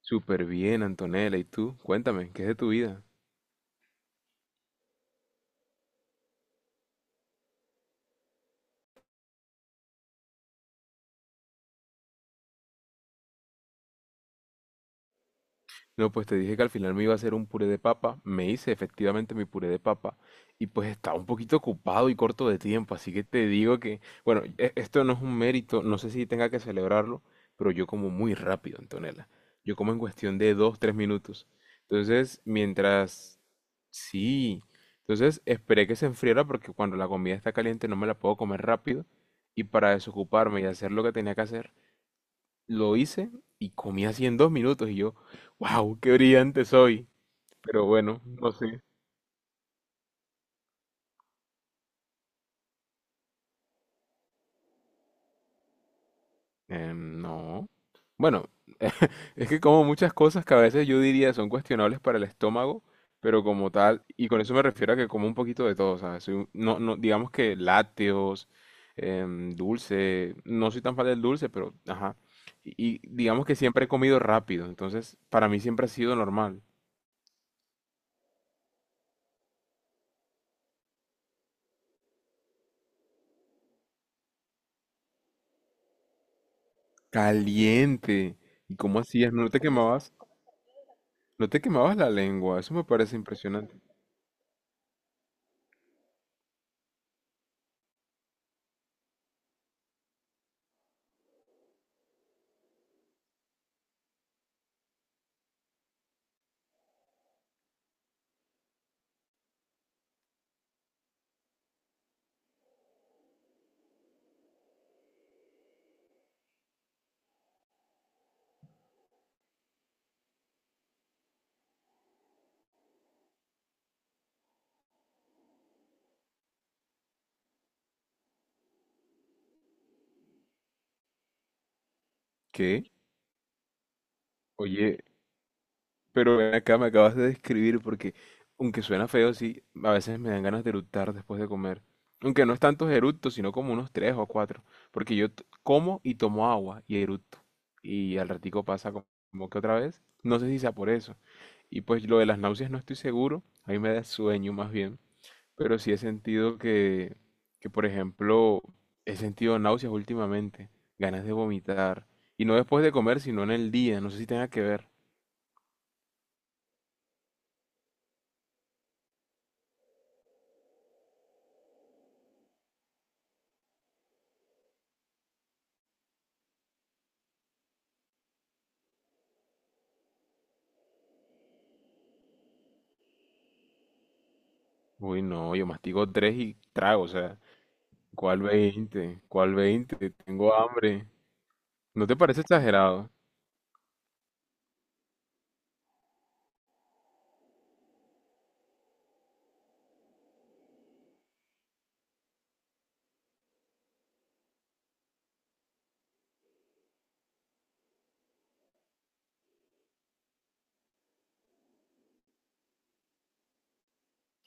Súper bien, Antonella. ¿Y tú? Cuéntame, ¿qué es de tu vida? No, pues te dije que al final me iba a hacer un puré de papa. Me hice efectivamente mi puré de papa. Y pues estaba un poquito ocupado y corto de tiempo. Así que te digo que, bueno, esto no es un mérito. No sé si tenga que celebrarlo, pero yo como muy rápido, Antonella. Yo como en cuestión de dos, tres minutos. Entonces, mientras. Sí. Entonces esperé que se enfriara porque cuando la comida está caliente no me la puedo comer rápido. Y para desocuparme y hacer lo que tenía que hacer. Lo hice y comí así en 2 minutos y yo, wow, qué brillante soy. Pero bueno, no sé. No. Bueno, es que como muchas cosas que a veces yo diría son cuestionables para el estómago, pero como tal, y con eso me refiero a que como un poquito de todo, ¿sabes? No, no, digamos que lácteos, dulce, no soy tan fan del dulce, pero ajá. Y digamos que siempre he comido rápido, entonces para mí siempre ha sido normal. Caliente. ¿Y cómo hacías? ¿No te quemabas? No te quemabas la lengua, eso me parece impresionante. ¿Qué? Oye, pero ven acá me acabas de describir porque, aunque suena feo, sí, a veces me dan ganas de eructar después de comer. Aunque no es tantos eructos, sino como unos tres o cuatro. Porque yo como y tomo agua y eructo. Y al ratico pasa como que otra vez. No sé si sea por eso. Y pues lo de las náuseas no estoy seguro. A mí me da sueño más bien. Pero sí he sentido que, por ejemplo, he sentido náuseas últimamente, ganas de vomitar. Y no después de comer, sino en el día. No sé si tenga que ver. Uy, no, yo mastigo tres y trago, o sea, ¿Cuál veinte? Tengo hambre. ¿No te parece exagerado?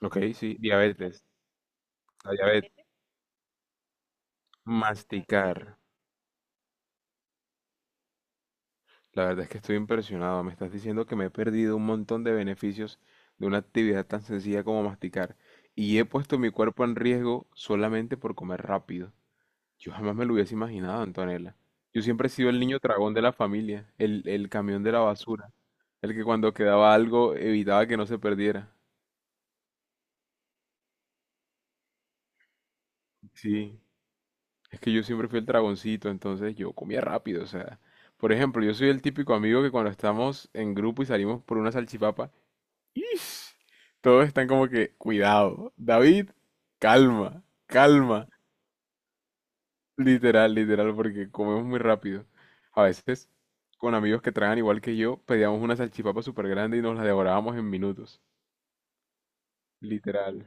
Ok, sí, diabetes. La diabetes. Masticar. La verdad es que estoy impresionado. Me estás diciendo que me he perdido un montón de beneficios de una actividad tan sencilla como masticar. Y he puesto mi cuerpo en riesgo solamente por comer rápido. Yo jamás me lo hubiese imaginado, Antonella. Yo siempre he sido el niño tragón de la familia, el camión de la basura, el que cuando quedaba algo evitaba que no se perdiera. Sí, es que yo siempre fui el dragoncito, entonces yo comía rápido, o sea. Por ejemplo, yo soy el típico amigo que cuando estamos en grupo y salimos por una salchipapa, Ish. Todos están como que, cuidado, David, calma, calma. Literal, literal, porque comemos muy rápido. A veces, con amigos que tragan igual que yo, pedíamos una salchipapa súper grande y nos la devorábamos en minutos. Literal.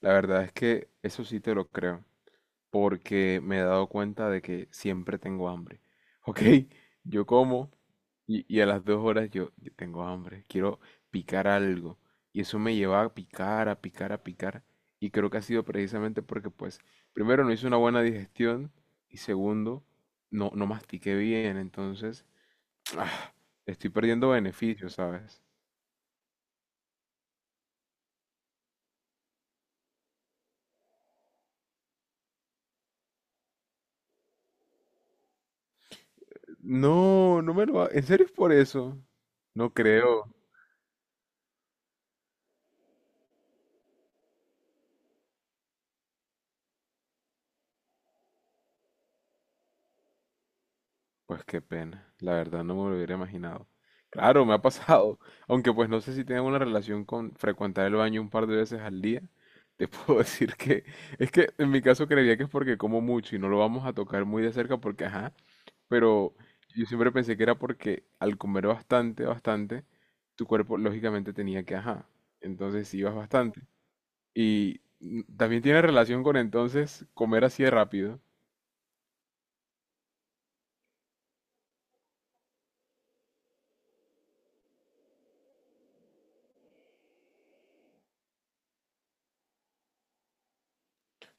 La verdad es que eso sí te lo creo, porque me he dado cuenta de que siempre tengo hambre. Ok, yo como, y a las 2 horas yo tengo hambre, quiero picar algo. Y eso me lleva a picar, a picar, a picar. Y creo que ha sido precisamente porque, pues, primero no hice una buena digestión y segundo, no, no mastiqué bien. Entonces, ah, estoy perdiendo beneficios, ¿sabes? No, no me lo. ¿En serio es por eso? No creo. Pues qué pena, la verdad no me lo hubiera imaginado. Claro, me ha pasado, aunque pues no sé si tiene una relación con frecuentar el baño un par de veces al día. Te puedo decir que es que en mi caso creería que es porque como mucho y no lo vamos a tocar muy de cerca porque ajá, pero yo siempre pensé que era porque al comer bastante, bastante, tu cuerpo lógicamente tenía que ajá, entonces sí ibas bastante. Y también tiene relación con entonces comer así de rápido.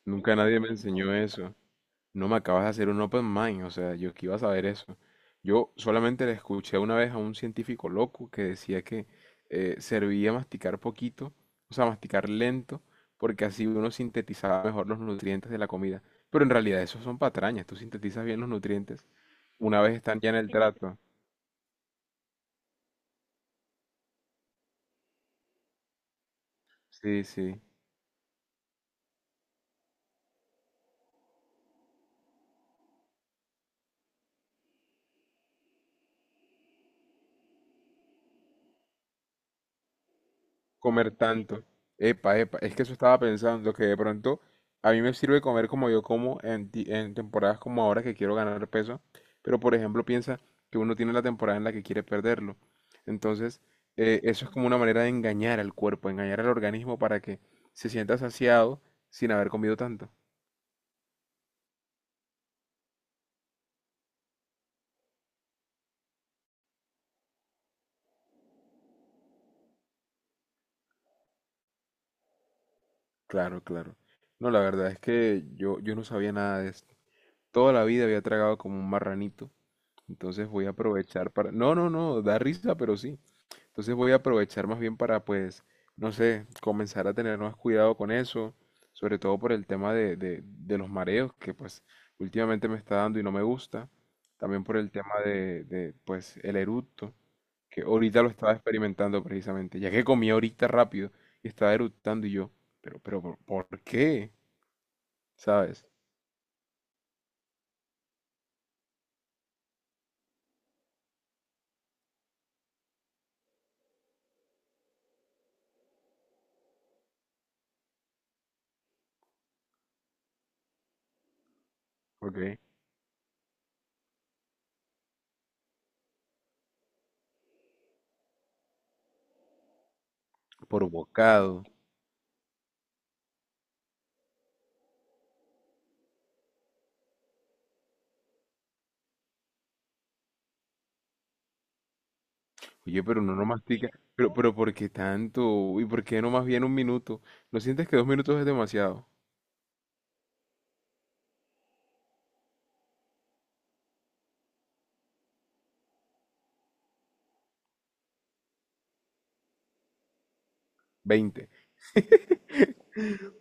Nunca nadie me enseñó eso. No me acabas de hacer un open mind, o sea, yo que iba a saber eso. Yo solamente le escuché una vez a un científico loco que decía que servía masticar poquito, o sea, masticar lento, porque así uno sintetizaba mejor los nutrientes de la comida. Pero en realidad eso son patrañas, tú sintetizas bien los nutrientes una vez están ya en el trato. Sí, sí. Comer tanto. Epa, epa, es que eso estaba pensando, que de pronto a mí me sirve comer como yo como en temporadas como ahora que quiero ganar peso, pero por ejemplo piensa que uno tiene la temporada en la que quiere perderlo. Entonces, eso es como una manera de engañar al cuerpo, engañar al organismo para que se sienta saciado sin haber comido tanto. Claro, claro. No, la verdad es que yo no sabía nada de esto. Toda la vida había tragado como un marranito. Entonces voy a aprovechar para. No, no, no, da risa, pero sí. Entonces voy a aprovechar más bien para, pues, no sé, comenzar a tener más cuidado con eso, sobre todo por el tema de los mareos que, pues, últimamente me está dando y no me gusta. También por el tema de, pues, el eructo, que ahorita lo estaba experimentando precisamente, ya que comí ahorita rápido y estaba eructando y yo, pero, por qué? ¿Sabes? Ok, por bocado. Oye, pero uno no mastica. Pero, ¿por qué tanto? ¿Y por qué no más bien un minuto? ¿No sientes que 2 minutos es demasiado? Veinte.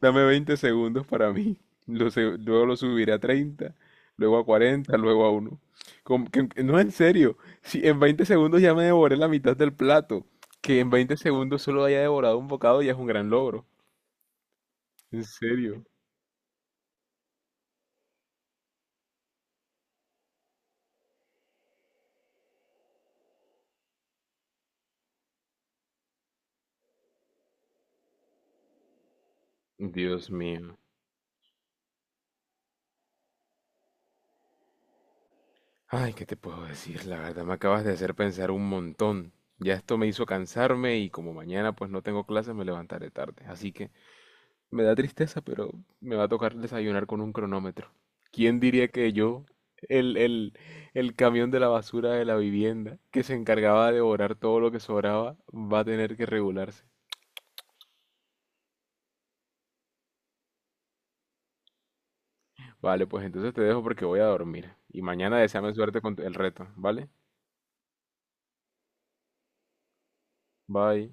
Dame 20 segundos para mí. Luego lo subiré a 30, luego a 40, luego a uno. No, en serio. Si en 20 segundos ya me devoré la mitad del plato, que en 20 segundos solo haya devorado un bocado ya es un gran logro. En serio. Dios mío. Ay, ¿qué te puedo decir? La verdad me acabas de hacer pensar un montón. Ya esto me hizo cansarme y como mañana pues no tengo clases me levantaré tarde. Así que. Me da tristeza, pero me va a tocar desayunar con un cronómetro. ¿Quién diría que yo, el, el, el camión de la basura de la vivienda, que se encargaba de devorar todo lo que sobraba, va a tener que regularse? Vale, pues entonces te dejo porque voy a dormir. Y mañana deséame suerte con el reto, ¿vale? Bye.